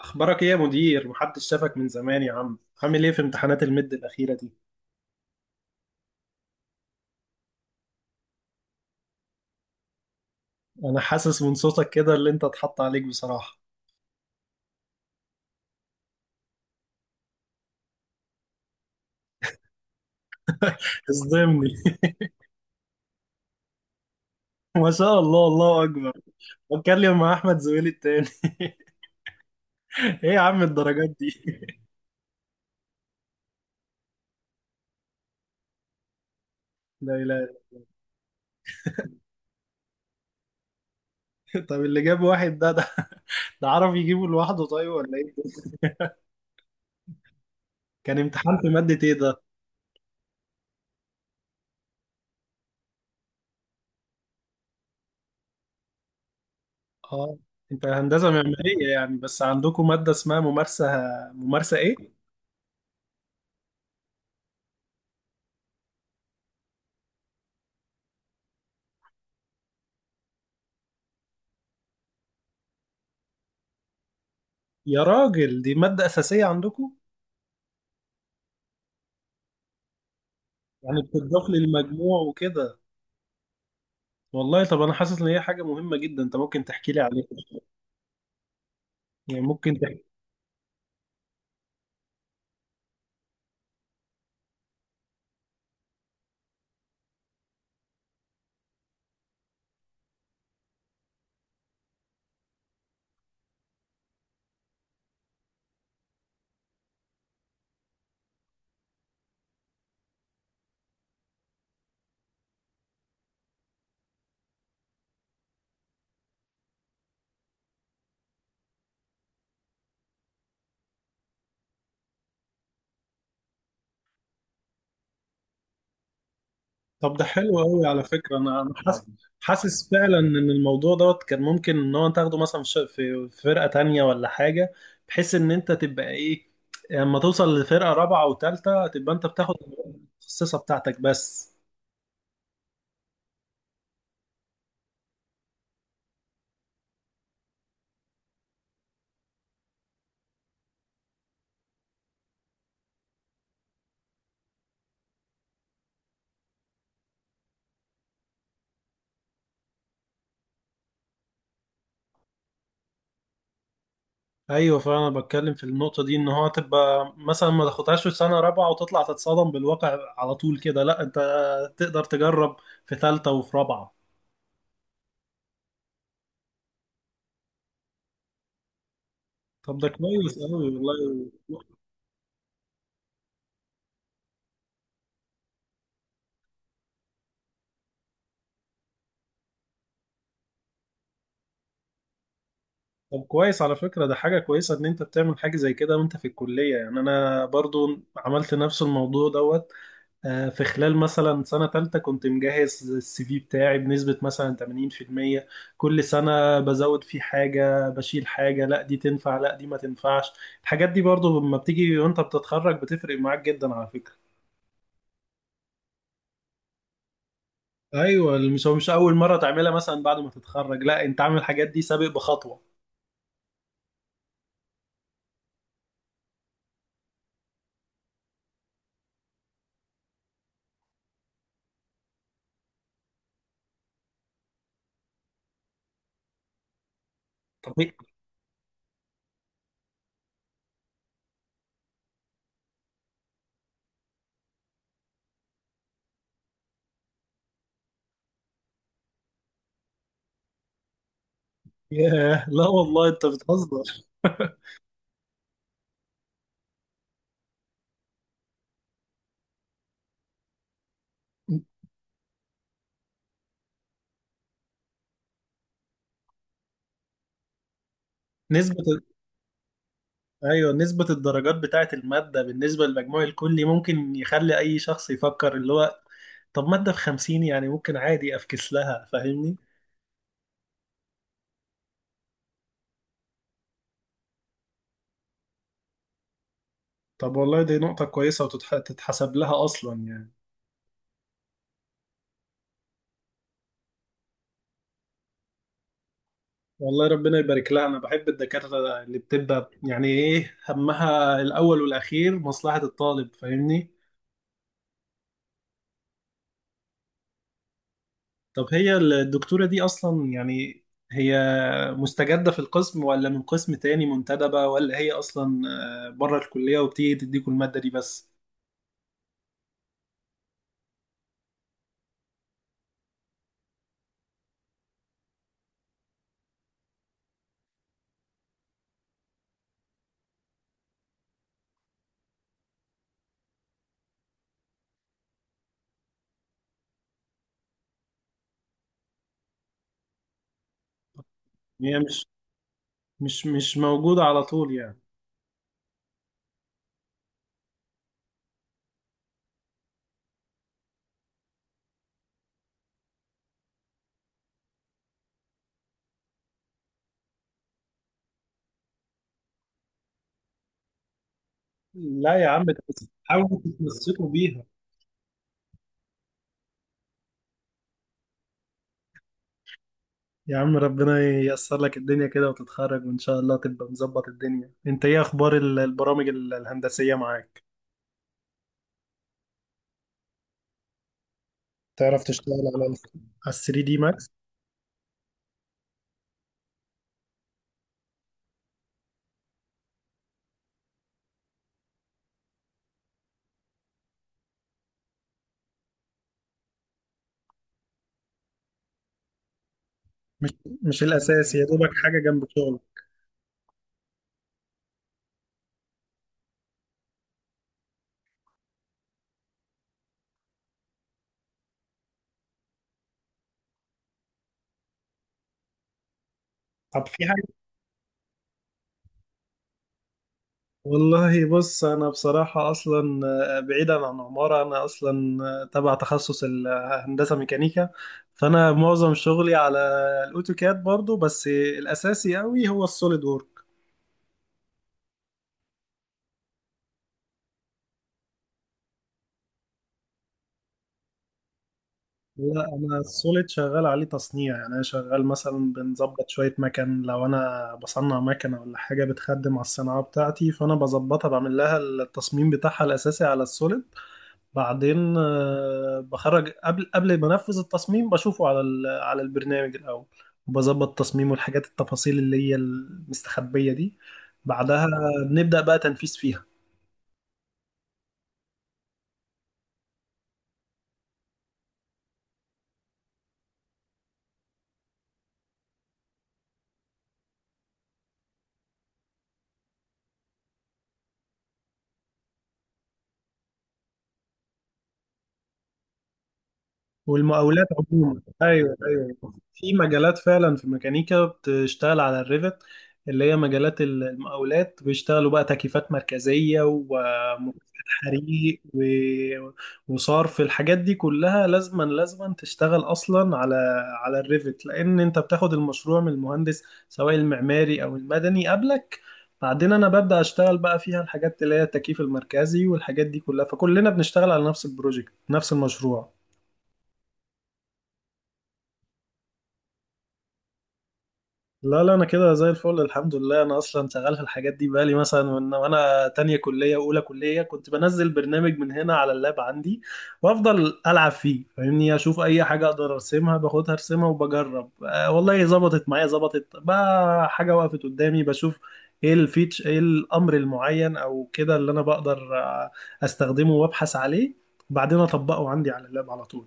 اخبارك ايه يا مدير؟ محدش شافك من زمان يا عم. عامل ايه في امتحانات الميد الاخيره دي؟ انا حاسس من صوتك كده اللي انت اتحط عليك بصراحه، اصدمني. ما شاء الله، الله اكبر. بتكلم مع احمد زويل التاني. ايه يا عم الدرجات دي؟ لا، لا. طب اللي جاب واحد ده عرف يجيبه لوحده، طيب، ولا ايه؟ كان امتحان في ماده ايه ده؟ اه، انت هندسه معماريه يعني، بس عندكم ماده اسمها ممارسه، ممارسه ايه؟ يا راجل دي ماده اساسيه عندكم؟ يعني بتضاف للمجموع وكده؟ والله طب انا حاسس ان هي حاجه مهمه جدا، انت ممكن تحكي لي عليها؟ يعني ممكن تحكي. طب ده حلو قوي على فكره، انا حاسس، حاسس فعلا ان الموضوع دوت كان ممكن ان هو تاخده مثلا في ش- في في فرقه تانية ولا حاجه، بحيث ان انت تبقى ايه، لما توصل لفرقه رابعه وثالثه تبقى انت بتاخد المتخصصه بتاعتك بس. ايوه، فانا بتكلم في النقطه دي، ان هو تبقى مثلا ما تاخدهاش في سنه رابعه وتطلع تتصدم بالواقع على طول كده، لا انت تقدر تجرب في ثالثه وفي رابعه. طب ده كويس قوي والله. طب كويس على فكره، ده حاجه كويسه ان انت بتعمل حاجه زي كده وانت في الكليه، يعني انا برضو عملت نفس الموضوع دوت. في خلال مثلا سنة تالتة كنت مجهز السي في بتاعي بنسبة مثلا 80%، كل سنة بزود فيه حاجة بشيل حاجة، لا دي تنفع لا دي ما تنفعش. الحاجات دي برضو لما بتيجي وانت بتتخرج بتفرق معاك جدا على فكرة. ايوه مش اول مرة تعملها مثلا بعد ما تتخرج، لا انت عامل الحاجات دي سابق بخطوة. طب إيه؟ ياه، لا والله انت بتهزر. نسبة، ايوه نسبة الدرجات بتاعة المادة بالنسبة للمجموع الكلي ممكن يخلي اي شخص يفكر اللي هو طب مادة بخمسين، يعني ممكن عادي افكس لها، فاهمني؟ طب والله دي نقطة كويسة وتتحسب لها اصلا يعني. والله ربنا يبارك لها، انا بحب الدكاترة اللي بتبقى يعني ايه همها الاول والاخير مصلحة الطالب، فاهمني؟ طب هي الدكتورة دي اصلا يعني، هي مستجدة في القسم ولا من قسم تاني منتدبة، ولا هي اصلا بره الكلية وبتيجي تديكوا المادة دي بس؟ هي مش موجودة على طول يعني؟ لا يا عم، ده بس حاولوا تتمسكوا بيها. يا عم ربنا ييسر لك الدنيا كده وتتخرج وإن شاء الله تبقى مظبط الدنيا. أنت إيه أخبار البرامج الهندسية معاك؟ تعرف تشتغل على ال 3 دي ماكس؟ مش مش الأساسي يا دوبك، حاجة جنب شغلك. طب في، والله بص انا بصراحه اصلا بعيدا عن عماره، انا اصلا تبع تخصص الهندسه ميكانيكا، فانا معظم شغلي على الاوتوكاد برضو، بس الاساسي قوي هو السوليد وورك. لا انا السوليد شغال عليه تصنيع، يعني انا شغال مثلا بنظبط شويه مكن، لو انا بصنع مكنه ولا حاجه بتخدم على الصناعه بتاعتي، فانا بظبطها، بعمل لها التصميم بتاعها الاساسي على السوليد. بعدين بخرج قبل ما انفذ التصميم بشوفه على على البرنامج الاول، وبظبط تصميمه، الحاجات التفاصيل اللي هي المستخبية دي، بعدها بنبدأ بقى تنفيذ فيها. والمقاولات عموما، ايوه ايوه، في مجالات فعلا في الميكانيكا بتشتغل على الريفت، اللي هي مجالات المقاولات، بيشتغلوا بقى تكييفات مركزيه ومكافحات حريق وصرف، الحاجات دي كلها لازما تشتغل اصلا على الريفت، لان انت بتاخد المشروع من المهندس، سواء المعماري او المدني قبلك، بعدين انا ببدا اشتغل بقى فيها الحاجات اللي هي التكييف المركزي والحاجات دي كلها، فكلنا بنشتغل على نفس البروجكت، نفس المشروع. لا لا، انا كده زي الفل الحمد لله، انا اصلا شغال في الحاجات دي بقالي مثلا، وأنا تانية كلية واولى كلية كنت بنزل برنامج من هنا على اللاب عندي، وافضل العب فيه، فاهمني؟ اشوف اي حاجة اقدر ارسمها، باخدها ارسمها وبجرب، آه والله ظبطت معايا، ظبطت بقى حاجة وقفت قدامي، بشوف ايه الفيتش، ايه الامر المعين او كده اللي انا بقدر استخدمه وابحث عليه، وبعدين اطبقه عندي على اللاب على طول.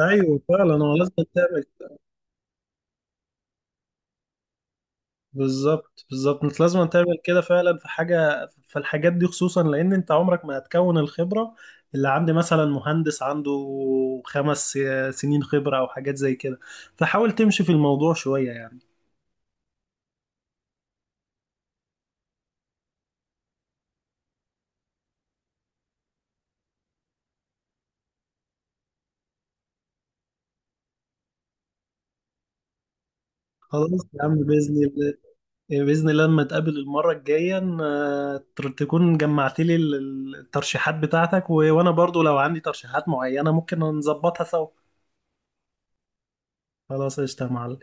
ايوه فعلا، هو لازم تعمل. بالظبط بالظبط، انت لازم تعمل كده فعلا في حاجه، في الحاجات دي خصوصا، لان انت عمرك ما هتكون الخبره اللي عند مثلا مهندس عنده 5 سنين خبره او حاجات زي كده، فحاول تمشي في الموضوع شويه يعني. خلاص يا عم باذن الله. باذن الله لما تقابل المره الجايه تكون جمعت لي الترشيحات بتاعتك، وانا برضو لو عندي ترشيحات معينه ممكن نظبطها سوا. خلاص قشطه يا معلم.